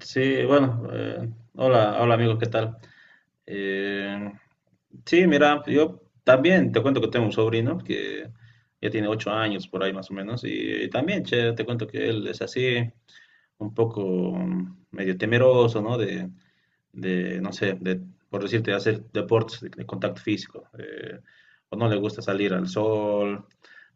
Sí, bueno, hola, hola amigo, ¿qué tal? Eh, sí, mira, yo también te cuento que tengo un sobrino que ya tiene 8 años por ahí más o menos y, también, che, te cuento que él es así un poco medio temeroso, ¿no? De, no sé, de, por decirte, hacer deportes de contacto físico, o no le gusta salir al sol,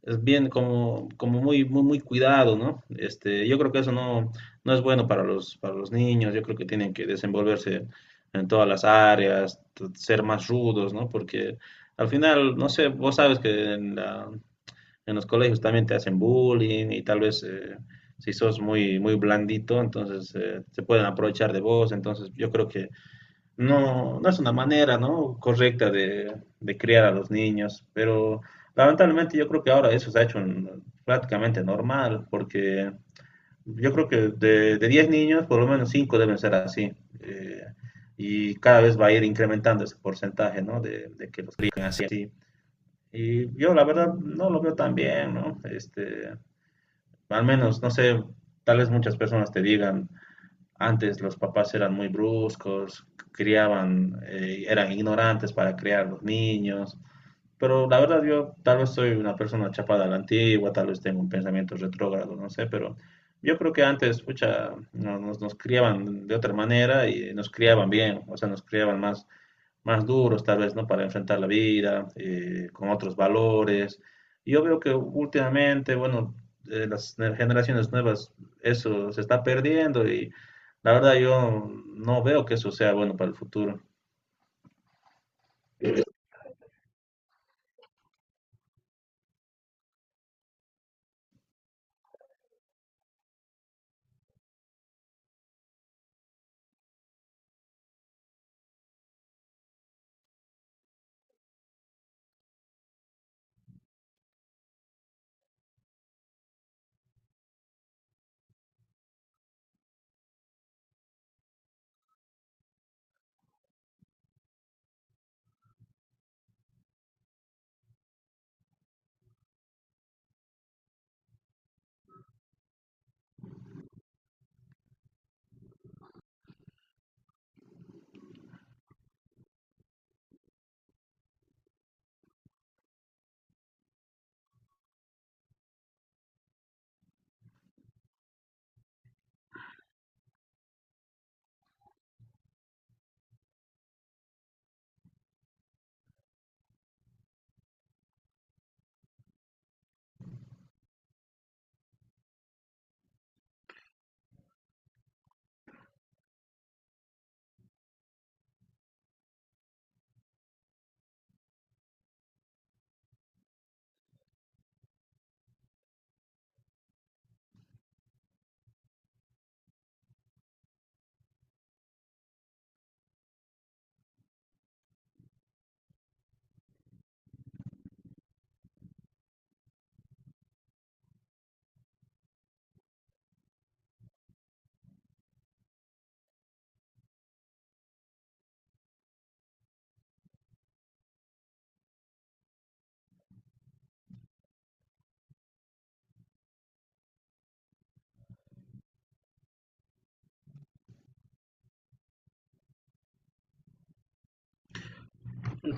es bien como muy, muy, muy cuidado, ¿no? Este, yo creo que eso no es bueno para los niños, yo creo que tienen que desenvolverse en todas las áreas, ser más rudos, ¿no? Porque al final, no sé, vos sabes que en los colegios también te hacen bullying y tal vez si sos muy, muy blandito, entonces se pueden aprovechar de vos. Entonces yo creo que no es una manera, ¿no?, correcta de criar a los niños, pero lamentablemente yo creo que ahora eso se ha hecho prácticamente normal, porque yo creo que de 10 niños, por lo menos 5 deben ser así. eh, y cada vez va a ir incrementando ese porcentaje, ¿no? De que los crían así. Y yo la verdad no lo veo tan bien, ¿no? Este, al menos, no sé, tal vez muchas personas te digan, antes los papás eran muy bruscos, criaban, eran ignorantes para criar los niños, pero la verdad yo tal vez soy una persona chapada a la antigua, tal vez tengo un pensamiento retrógrado, no sé, pero yo creo que antes, pucha, nos criaban de otra manera y nos criaban bien, o sea, nos criaban más duros tal vez, ¿no? Para enfrentar la vida, con otros valores. Y yo veo que últimamente, bueno, las generaciones nuevas, eso se está perdiendo y la verdad yo no veo que eso sea bueno para el futuro.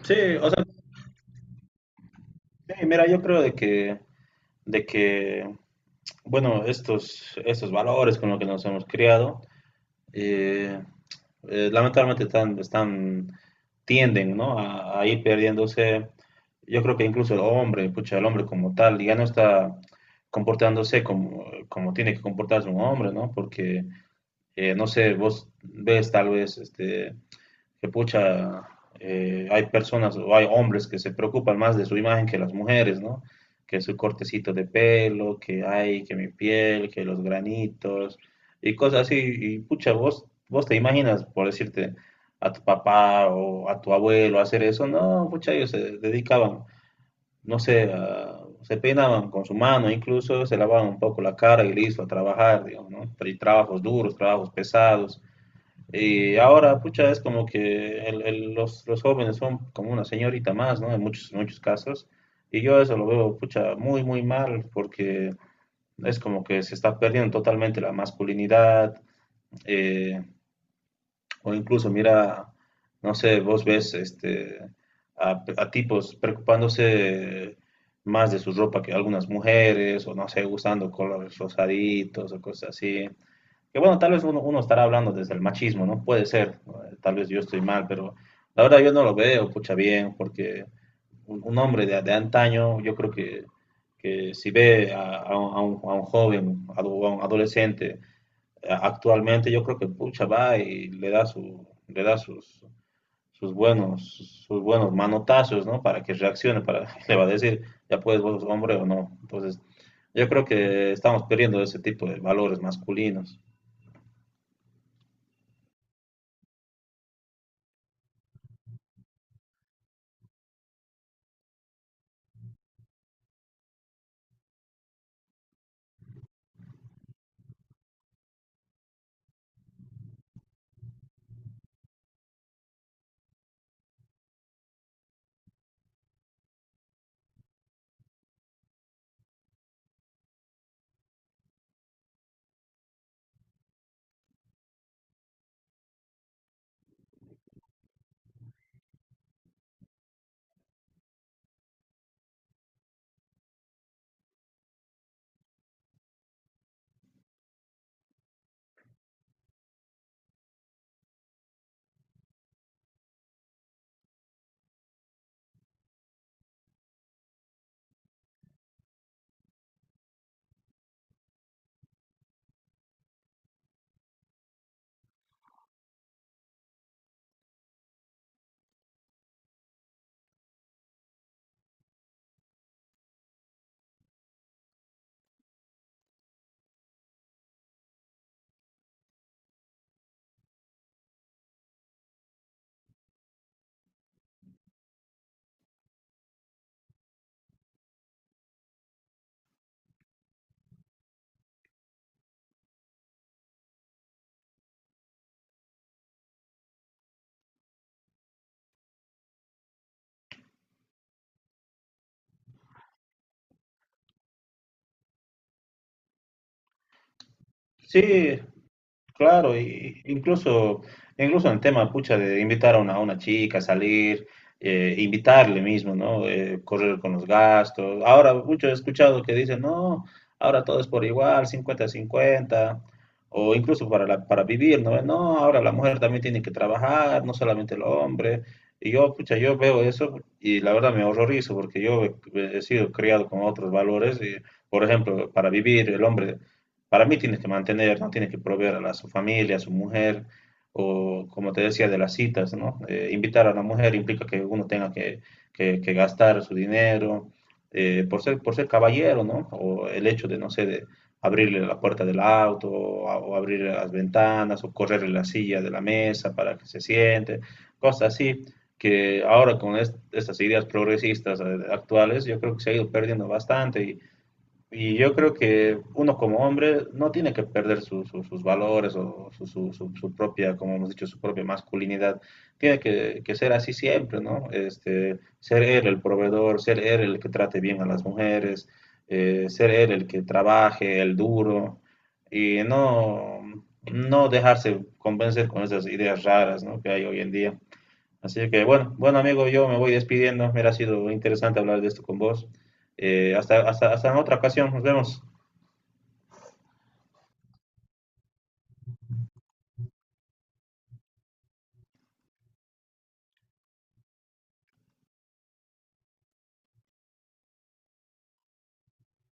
Sí, o sea, sí, mira, yo creo de que bueno, estos valores con los que nos hemos criado, eh, lamentablemente tienden, ¿no? A ir perdiéndose. Yo creo que incluso el hombre, pucha, el hombre como tal, ya no está comportándose como tiene que comportarse un hombre, ¿no? Porque, no sé, vos ves tal vez este, que pucha, hay personas o hay hombres que se preocupan más de su imagen que las mujeres, ¿no? Que su cortecito de pelo, que hay, que mi piel, que los granitos y cosas así. Y pucha, vos te imaginas, por decirte, a tu papá o a tu abuelo hacer eso. No, pucha, ellos se dedicaban, no sé, se peinaban con su mano, incluso se lavaban un poco la cara y listo, a trabajar, digamos, ¿no? Y trabajos duros, trabajos pesados y ahora, pucha, es como que los jóvenes son como una señorita más, ¿no? En muchos, muchos casos. Y yo eso lo veo, pucha, muy, muy mal, porque es como que se está perdiendo totalmente la masculinidad. eh, o incluso, mira, no sé, vos ves este, a tipos preocupándose más de su ropa que algunas mujeres, o no sé, usando colores rosaditos o cosas así que bueno, tal vez uno estará hablando desde el machismo, ¿no? Puede ser, tal vez yo estoy mal, pero la verdad yo no lo veo, pucha, bien, porque un hombre de antaño, yo creo que si ve a un joven, a un adolescente, actualmente yo creo que pucha va y le da su, le da sus, sus buenos, sus buenos manotazos, ¿no? Para que reaccione, para le va a decir, ya puedes vos, hombre o no. Entonces, yo creo que estamos perdiendo ese tipo de valores masculinos. Sí, claro, incluso en el tema, pucha, de invitar a una chica a salir, invitarle mismo, ¿no? Correr con los gastos. Ahora, mucho he escuchado que dicen, no, ahora todo es por igual, 50-50, o incluso para vivir, ¿no? No, ahora la mujer también tiene que trabajar, no solamente el hombre. Y yo, pucha, yo veo eso y la verdad me horrorizo porque yo he sido criado con otros valores y, por ejemplo, para vivir el hombre para mí tienes que mantener, ¿no? Tienes que proveer a su familia, a su mujer, o como te decía, de las citas, ¿no? Invitar a la mujer implica que uno tenga que gastar su dinero, por ser caballero, ¿no? O el hecho de, no sé, de abrirle la puerta del auto, o, o abrirle las ventanas, o correrle la silla de la mesa para que se siente, cosas así, que ahora con estas ideas progresistas actuales, yo creo que se ha ido perdiendo bastante y yo creo que uno como hombre no tiene que perder sus valores o su propia, como hemos dicho, su propia masculinidad. Tiene que ser así siempre, ¿no? Este, ser él el proveedor, ser él el que trate bien a las mujeres, ser él el que trabaje, el duro, y no dejarse convencer con esas ideas raras, ¿no?, que hay hoy en día. Así que bueno, bueno amigo, yo me voy despidiendo. Mira, ha sido interesante hablar de esto con vos. Hasta en otra ocasión, nos vemos.